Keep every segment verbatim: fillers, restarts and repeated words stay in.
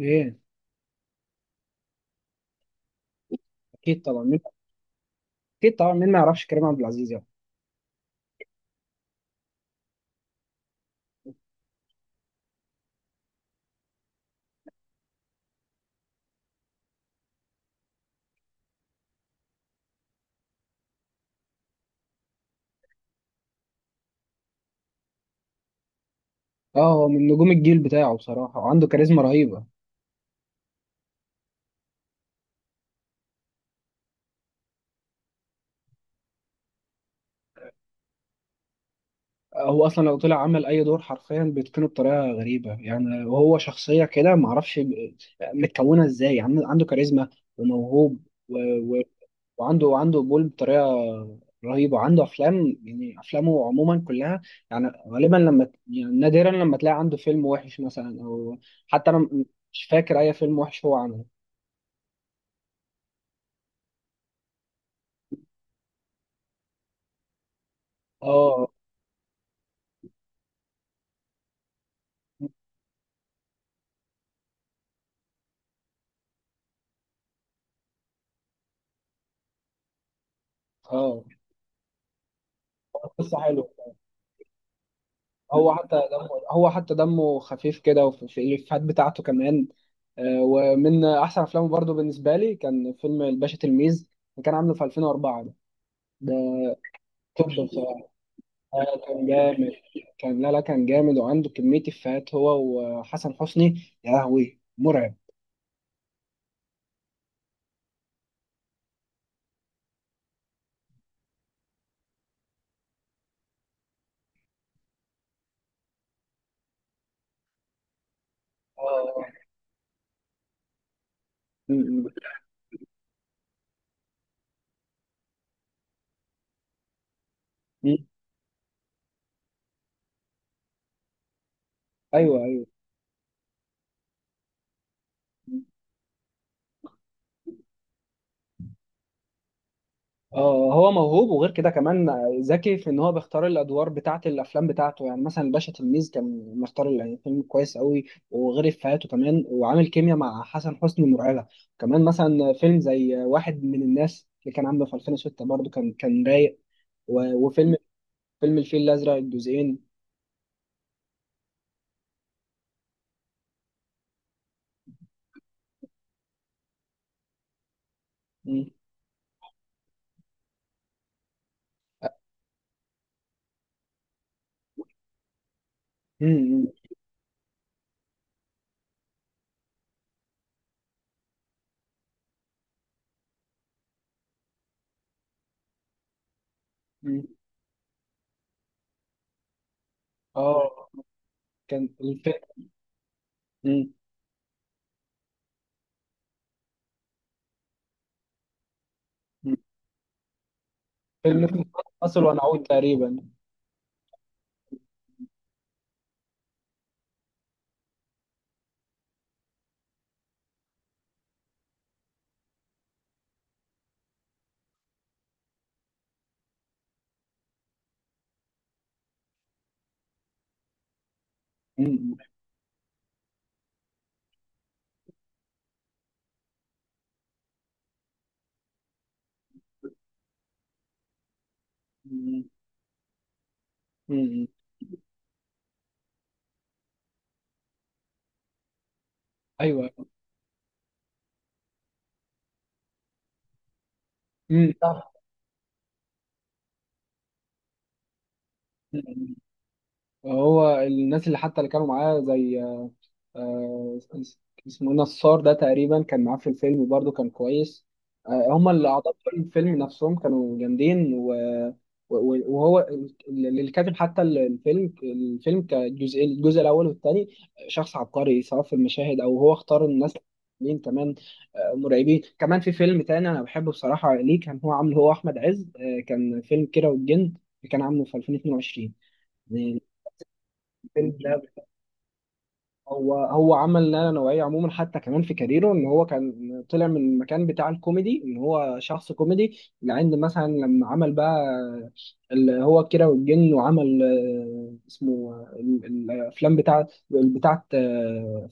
ايه. اكيد طبعا مين اكيد طبعا مين ما يعرفش كريم عبد العزيز يعني. اه، هو من نجوم الجيل بتاعه بصراحه، وعنده كاريزما رهيبه. آه، هو اصلا لو طلع عمل اي دور حرفيا بيتقنه بطريقه غريبه يعني، وهو شخصيه كده ما اعرفش ب- متكونه ازاي. عن- عنده كاريزما وموهوب و... و... وعنده وعنده قبول بطريقه رهيبه. عنده افلام، يعني افلامه عموما كلها يعني غالبا لما ت- يعني نادرا لما تلاقي عنده فيلم وحش مثلا، او حتى انا م- مش فاكر اي فيلم وحش هو عمله. اه اه، قصة حلوة. هو حتى دمه هو حتى دمه خفيف كده، وفي في الإفيهات بتاعته كمان. آه، ومن أحسن أفلامه برضه بالنسبة لي، كان فيلم الباشا تلميذ، اللي كان عامله في ألفين وأربعة ده. ده توب بصراحة. آه، كان جامد. كان لا لا، كان جامد، وعنده كمية إفيهات، هو وحسن حسني. يا لهوي مرعب. آه. م- م- م. أيوه أيوه. اه، هو موهوب، وغير كده كمان ذكي في ان هو بيختار الادوار بتاعه، الافلام بتاعته. يعني مثلا الباشا تلميذ كان مختار يعني فيلم كويس قوي، وغير افيهاته كمان، وعامل كيمياء مع حسن حسني مرعبه. كمان مثلا فيلم زي واحد من الناس اللي كان عامله في ألفين وستة برضه، كان كان رايق. و- وفيلم فيلم الفيل الازرق الجزئين. مم. مم. مم. اه، كان الفيلم فيلم اسمه فاصل ونعود تقريبا. مم. مم. مم. ايوه. مم. صح. هو الناس اللي حتى اللي كانوا معاه، زي آه، اسمه إيه، نصار ده تقريبا كان معاه في الفيلم برضه، كان كويس. آه، هما اللي أعضاء في الفيلم نفسهم كانوا جامدين، و... و- وهو اللي كاتب حتى الفيلم. الفيلم كجزء، الجزء الأول والثاني، شخص عبقري سواء في المشاهد أو هو اختار الناس. مين كمان؟ آه، مرعبين كمان. في فيلم تاني أنا بحبه بصراحة، ليه كان هو عامله هو أحمد عز، آه، كان فيلم كيرة والجن، اللي كان عامله في ألفين واتنين وعشرين. هو هو عمل نقله نوعيه عموما، حتى كمان في كاريره، ان هو كان طلع من المكان بتاع الكوميدي، ان هو شخص كوميدي، لعند مثلا لما عمل بقى اللي هو كيرة والجن، وعمل آه، اسمه آه، ال- الافلام بتاعت بتاعت آه،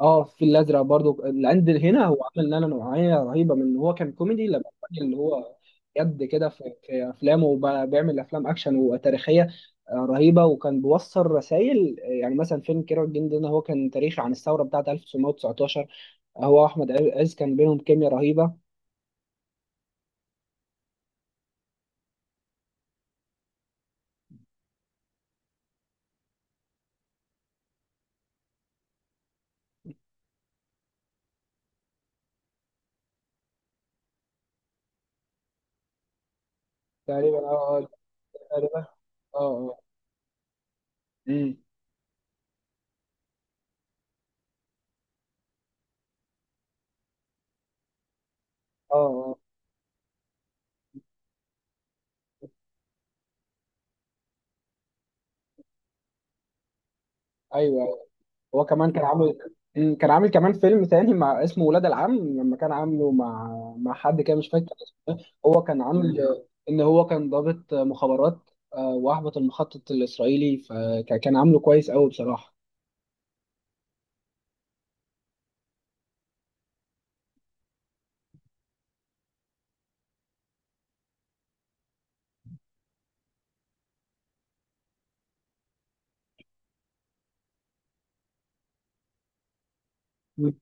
اه، في الازرق برضو العند هنا. مم. هو عمل نقله نوعيه رهيبه من ان هو كان كوميدي، لما الراجل اللي هو جد كده في في افلامه، وبيعمل افلام اكشن وتاريخيه آه، رهيبه، وكان بيوصل رسائل. آه، يعني مثلا فيلم كيرة والجن ده، هو كان تاريخ عن الثوره بتاعه ألف وتسعمائة وتسعة عشر. هو واحمد عز كان بينهم كيمياء رهيبه. تقريبا، اه اه. تقريبا اه اه. أمم. اه. آه. ايوه. أيوة. هو كمان كان عامل، أمم، كان عامل كمان فيلم تاني مع اسمه ولاد العم، لما كان عامله مع مع حد كده مش فاكر. هو كان عامل ان هو كان ضابط مخابرات، آه، واحبط المخطط الاسرائيلي، فكان عامله كويس قوي بصراحه. مم.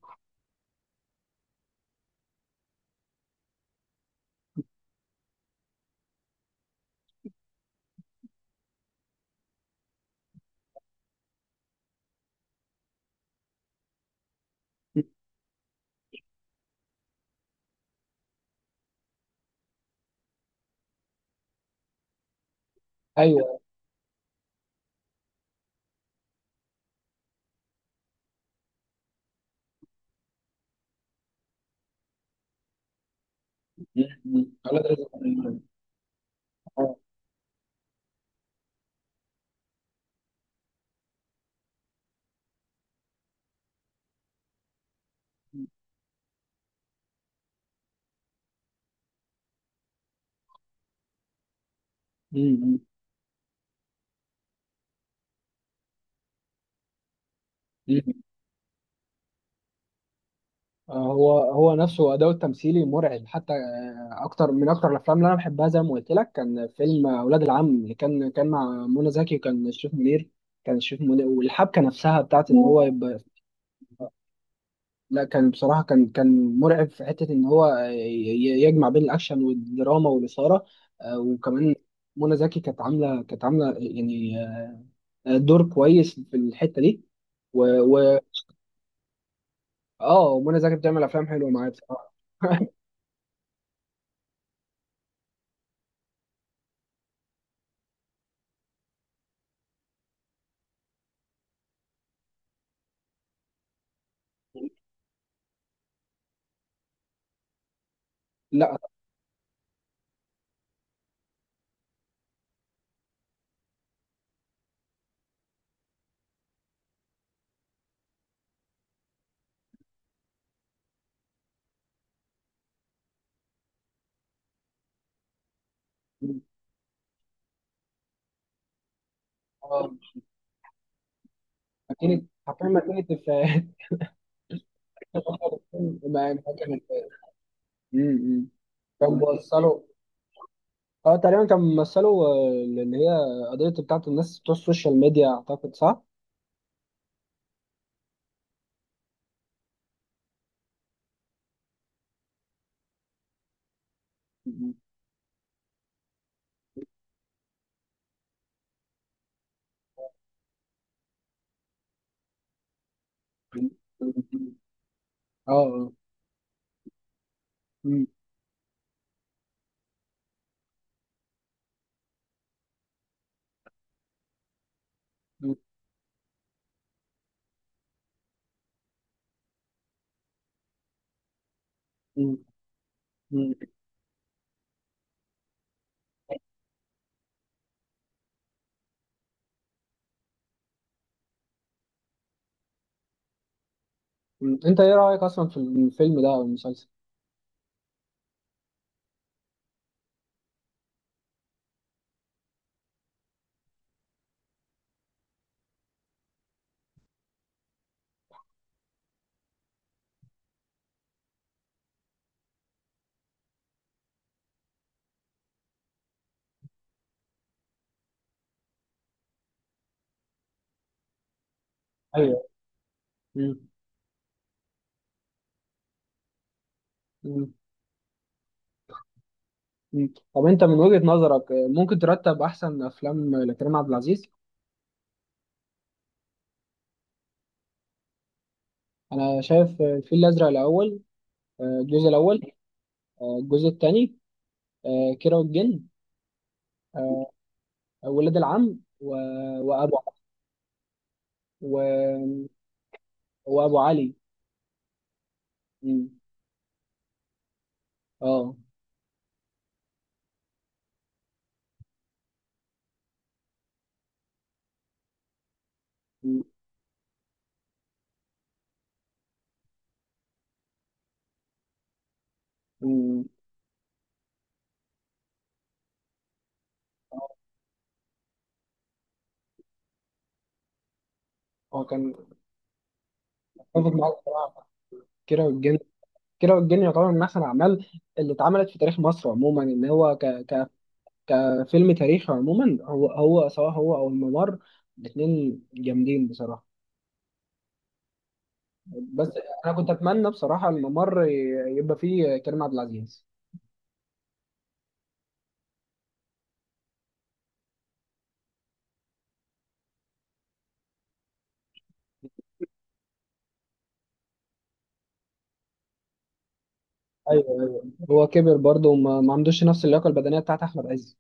ايوه. مم. اولاد رزق. آه. مم. مم. آه، هو هو نفسه اداؤه التمثيلي مرعب، حتى آه، اكتر من اكتر الافلام اللي انا بحبها، زي ما قلت لك، كان فيلم اولاد العم، اللي كان كان مع منى زكي، وكان شريف منير. كان شريف منير، والحبكه نفسها بتاعت ان هو، لا كان بصراحة، كان كان مرعب في حتة إن هو ي- ي- يجمع بين الأكشن والدراما والإثارة، آه، وكمان منى زكي كانت عاملة كانت عاملة يعني آه، دور كويس في الحتة دي. و و آه، منى زكي بتعمل أفلام حلوة معايا بصراحة. لا، آه، ماكينة، حرفيا ماكينة إفيهات. ما ما كانت. أمم. كان بيوصلوا، اه تقريبا كان بيمثلوا آه، اللي هي قضية بتاعت الناس بتوع السوشيال ميديا، أعتقد صح؟ م- م. اه. آه. مم، مم، مم، مم، مم. انت ايه رأيك اصلا في الفيلم ده او المسلسل؟ ايوه. مم، مم، مم. طب انت من وجهة نظرك، آه، ممكن ترتب احسن افلام لكريم عبد العزيز؟ انا شايف آه، الفيل الازرق الاول، آه، الجزء الاول، آه، الجزء الثاني، كيرة والجن، آه، ولاد العم، و... وابو، و... وابو علي. مم. اه. مم. مم. هو كان. اتفق معاك بصراحة. كيرة والجن. كيرة والجن يعتبر من أحسن الأعمال اللي اتعملت في تاريخ مصر عموما، إن هو ك... ك... كفيلم تاريخي عموما. هو هو سواء هو أو الممر، الاتنين جامدين بصراحة. بس أنا كنت أتمنى بصراحة الممر ي- يبقى فيه كريم عبد العزيز. أيوه. هو كبر برضه، وما ما عندوش نفس اللياقة البدنية بتاعت أحمد عز.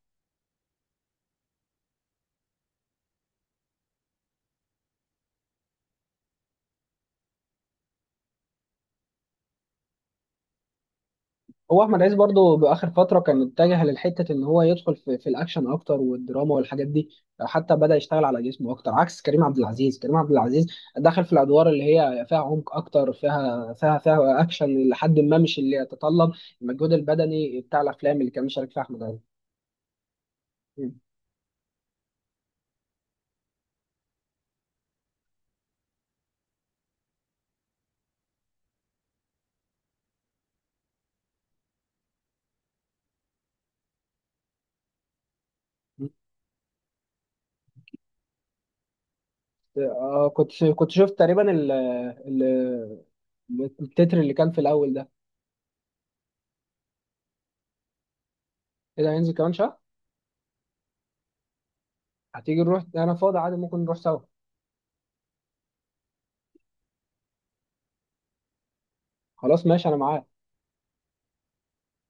هو احمد عز برضه باخر فتره كان اتجه للحته ان هو يدخل في, في الاكشن اكتر، والدراما والحاجات دي. حتى بدا يشتغل على جسمه اكتر، عكس كريم عبد العزيز. كريم عبد العزيز دخل في الادوار اللي هي فيها عمق اكتر، فيها فيها فيها اكشن، لحد ما مش اللي يتطلب المجهود البدني بتاع الافلام اللي كان مشارك فيها احمد عز. م. م. آه، كنت كنت شفت تقريبا ال ال- التتر اللي كان في الاول ده. ايه ده، هينزل كمان شهر؟ هتيجي نروح؟ انا فاضي عادي، ممكن نروح سوا. خلاص ماشي، انا معاك.